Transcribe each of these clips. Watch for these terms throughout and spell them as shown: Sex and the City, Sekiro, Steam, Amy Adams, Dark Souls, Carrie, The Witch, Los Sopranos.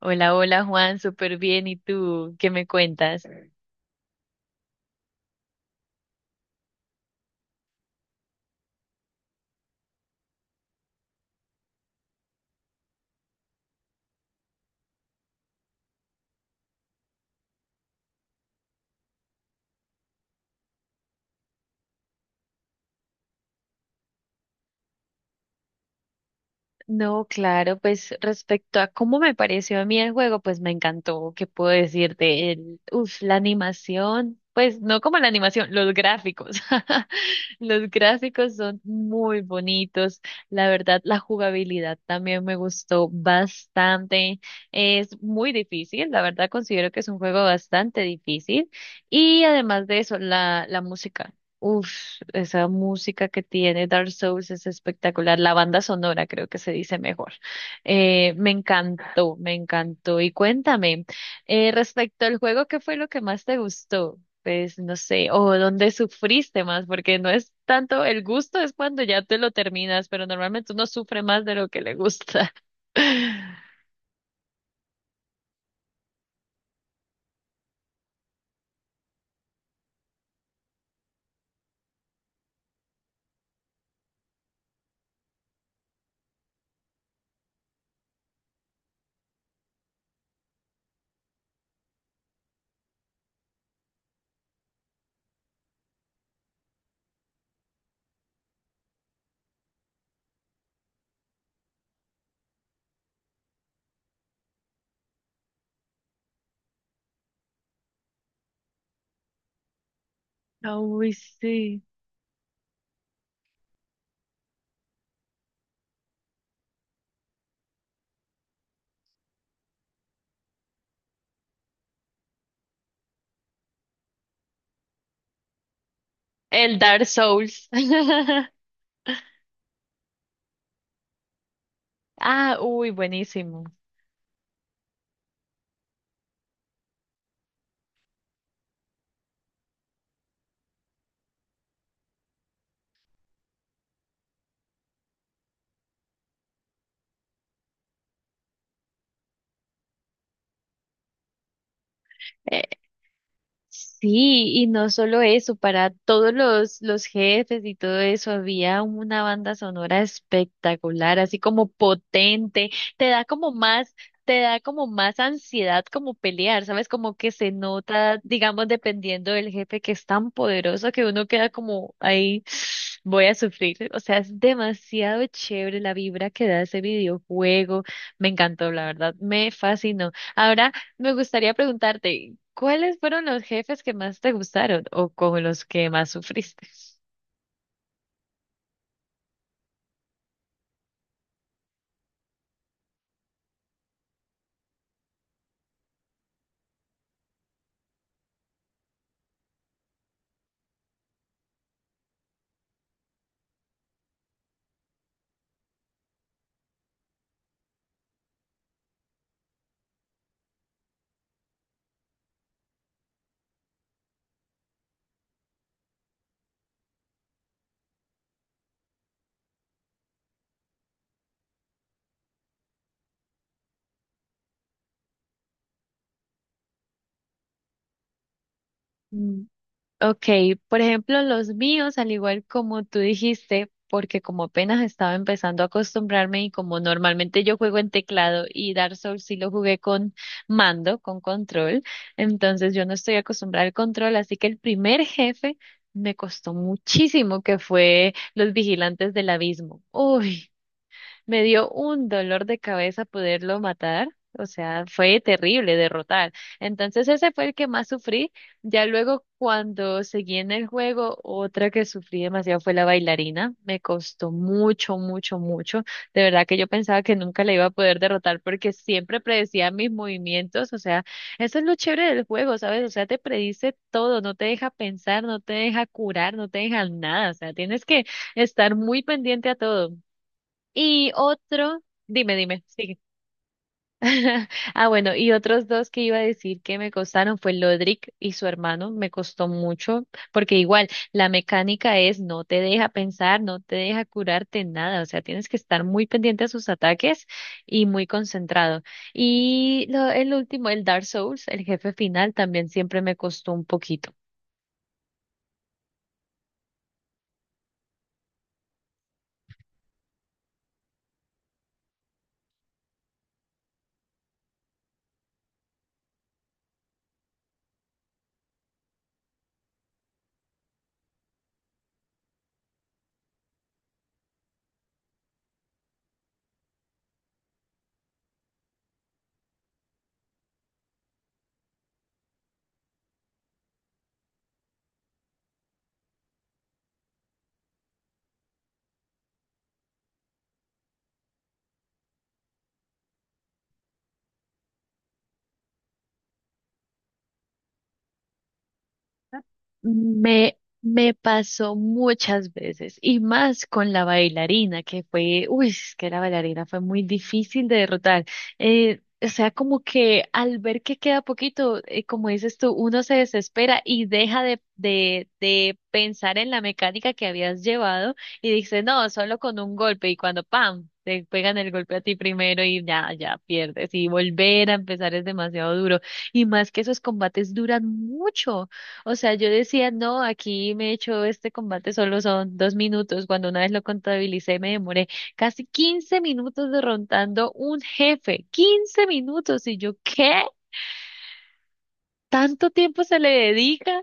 Hola, hola Juan, súper bien. ¿Y tú qué me cuentas? No, claro, pues respecto a cómo me pareció a mí el juego, pues me encantó. ¿Qué puedo decirte? La animación, pues no como la animación, los gráficos. Los gráficos son muy bonitos. La verdad, la jugabilidad también me gustó bastante. Es muy difícil, la verdad considero que es un juego bastante difícil. Y además de eso, la música. Uf, esa música que tiene Dark Souls es espectacular. La banda sonora creo que se dice mejor. Me encantó, me encantó. Y cuéntame, respecto al juego, ¿qué fue lo que más te gustó? Pues no sé, o dónde sufriste más, porque no es tanto el gusto, es cuando ya te lo terminas, pero normalmente uno sufre más de lo que le gusta. Ah, uy, sí. El Dark Souls. Ah, uy, buenísimo. Sí, y no solo eso, para todos los jefes y todo eso había una banda sonora espectacular, así como potente, te da como más, te da como más ansiedad como pelear, ¿sabes? Como que se nota, digamos, dependiendo del jefe que es tan poderoso que uno queda como ahí, voy a sufrir. O sea, es demasiado chévere la vibra que da ese videojuego. Me encantó, la verdad, me fascinó. Ahora me gustaría preguntarte, ¿cuáles fueron los jefes que más te gustaron o con los que más sufriste? Mm, ok, por ejemplo, los míos, al igual como tú dijiste, porque como apenas estaba empezando a acostumbrarme y como normalmente yo juego en teclado y Dark Souls sí lo jugué con mando, con control, entonces yo no estoy acostumbrada al control, así que el primer jefe me costó muchísimo, que fue los vigilantes del abismo. Uy. Me dio un dolor de cabeza poderlo matar. O sea, fue terrible derrotar. Entonces ese fue el que más sufrí. Ya luego cuando seguí en el juego, otra que sufrí demasiado fue la bailarina. Me costó mucho, mucho, mucho. De verdad que yo pensaba que nunca la iba a poder derrotar porque siempre predecía mis movimientos. O sea, eso es lo chévere del juego, ¿sabes? O sea, te predice todo, no te deja pensar, no te deja curar, no te deja nada. O sea, tienes que estar muy pendiente a todo. Y otro, dime, dime, sigue. Ah, bueno, y otros dos que iba a decir que me costaron fue Lodric y su hermano, me costó mucho, porque igual la mecánica es no te deja pensar, no te deja curarte nada, o sea, tienes que estar muy pendiente a sus ataques y muy concentrado. El último, el Dark Souls, el jefe final, también siempre me costó un poquito. Me pasó muchas veces y más con la bailarina, que fue, uy, es que la bailarina fue muy difícil de derrotar. O sea, como que al ver que queda poquito, como dices tú, uno se desespera y deja de pensar en la mecánica que habías llevado y dice, no, solo con un golpe y cuando, ¡pam! Te pegan el golpe a ti primero y ya, ya pierdes y volver a empezar es demasiado duro. Y más que esos combates duran mucho. O sea, yo decía, no, aquí me he hecho este combate solo son 2 minutos. Cuando una vez lo contabilicé, me demoré casi 15 minutos derrotando un jefe. 15 minutos. Y yo, ¿qué? ¿Tanto tiempo se le dedica?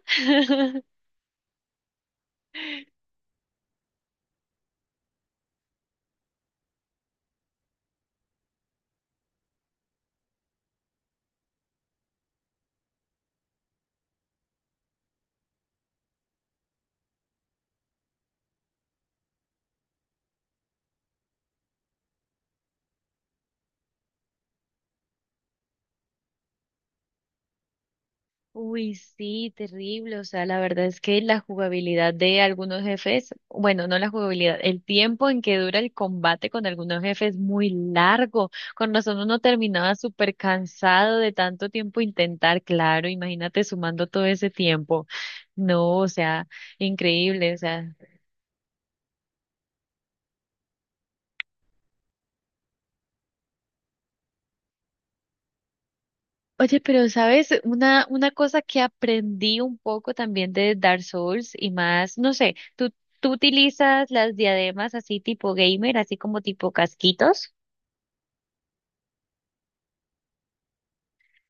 Uy, sí, terrible. O sea, la verdad es que la jugabilidad de algunos jefes, bueno, no la jugabilidad, el tiempo en que dura el combate con algunos jefes es muy largo. Con razón uno terminaba súper cansado de tanto tiempo intentar, claro, imagínate sumando todo ese tiempo. No, o sea, increíble. O sea, oye, pero sabes, una cosa que aprendí un poco también de Dark Souls y más, no sé, ¿tú utilizas las diademas así tipo gamer, así como tipo casquitos?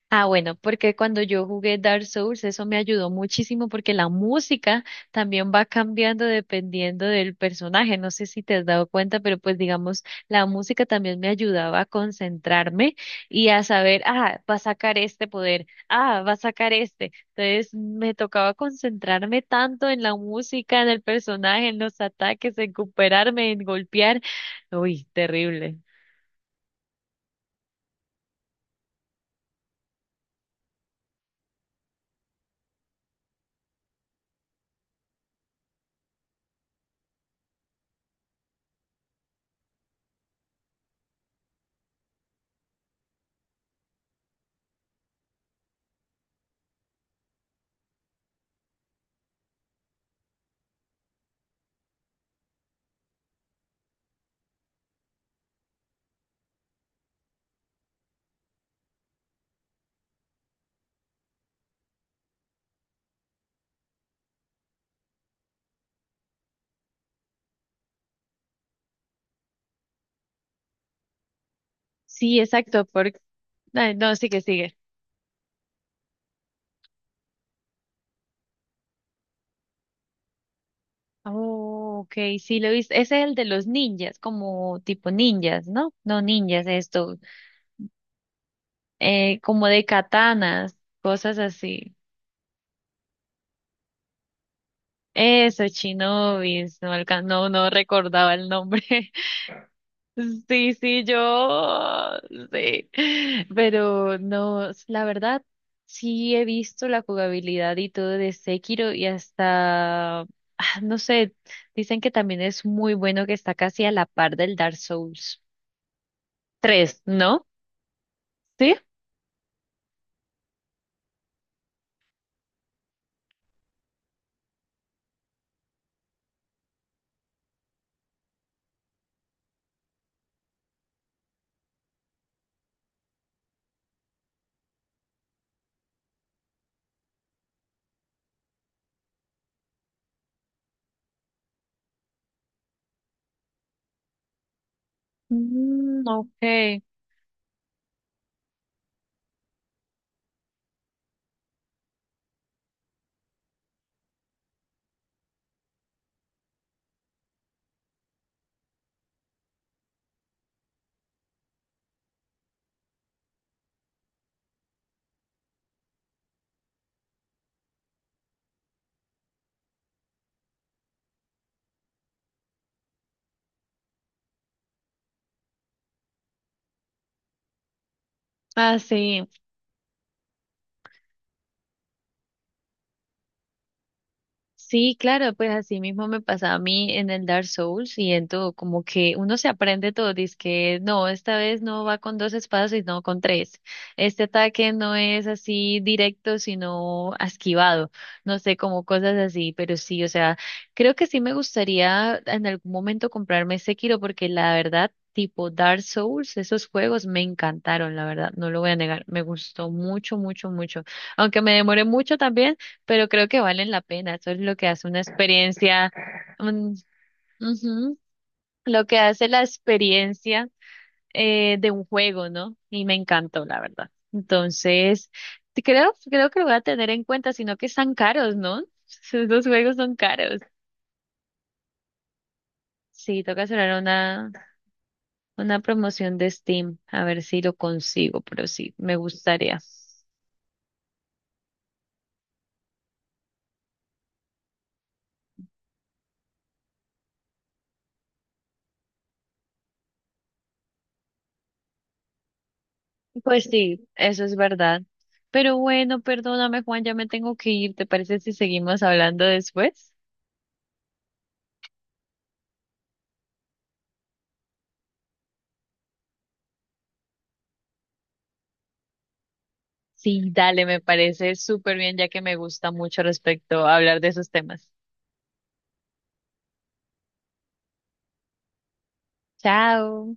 Ah, bueno, porque cuando yo jugué Dark Souls, eso me ayudó muchísimo porque la música también va cambiando dependiendo del personaje. No sé si te has dado cuenta, pero pues digamos, la música también me ayudaba a concentrarme y a saber, ah, va a sacar este poder, ah, va a sacar este. Entonces me tocaba concentrarme tanto en la música, en el personaje, en los ataques, en recuperarme, en golpear. Uy, terrible. Sí, exacto, porque... ay, no, sigue, sigue. Oh, ok, sí lo he visto. Ese es el de los ninjas, como tipo ninjas, ¿no? No ninjas, esto, como de katanas, cosas así. Eso, shinobis, no, no, no recordaba el nombre. Sí, sí, yo, sí. Pero no, la verdad, sí he visto la jugabilidad y todo de Sekiro y hasta, ah, no sé, dicen que también es muy bueno que está casi a la par del Dark Souls 3, ¿no? ¿Sí? Mm, ok. Ah, sí. Sí, claro, pues así mismo me pasa a mí en el Dark Souls y en todo, como que uno se aprende todo, dice que no, esta vez no va con dos espadas, sino con tres. Este ataque no es así directo, sino esquivado, no sé, como cosas así, pero sí, o sea, creo que sí me gustaría en algún momento comprarme Sekiro porque la verdad, tipo Dark Souls, esos juegos me encantaron, la verdad, no lo voy a negar, me gustó mucho, mucho, mucho, aunque me demoré mucho también pero creo que valen la pena. Eso es lo que hace una experiencia, un- ujú, lo que hace la experiencia de un juego, ¿no? Y me encantó, la verdad. Entonces, creo que lo voy a tener en cuenta, sino que están caros, ¿no? Los juegos son caros. Sí, toca cerrar una promoción de Steam, a ver si lo consigo, pero sí, me gustaría. Pues sí, eso es verdad. Pero bueno, perdóname, Juan, ya me tengo que ir. ¿Te parece si seguimos hablando después? Sí, dale, me parece súper bien, ya que me gusta mucho respecto a hablar de esos temas. Chao.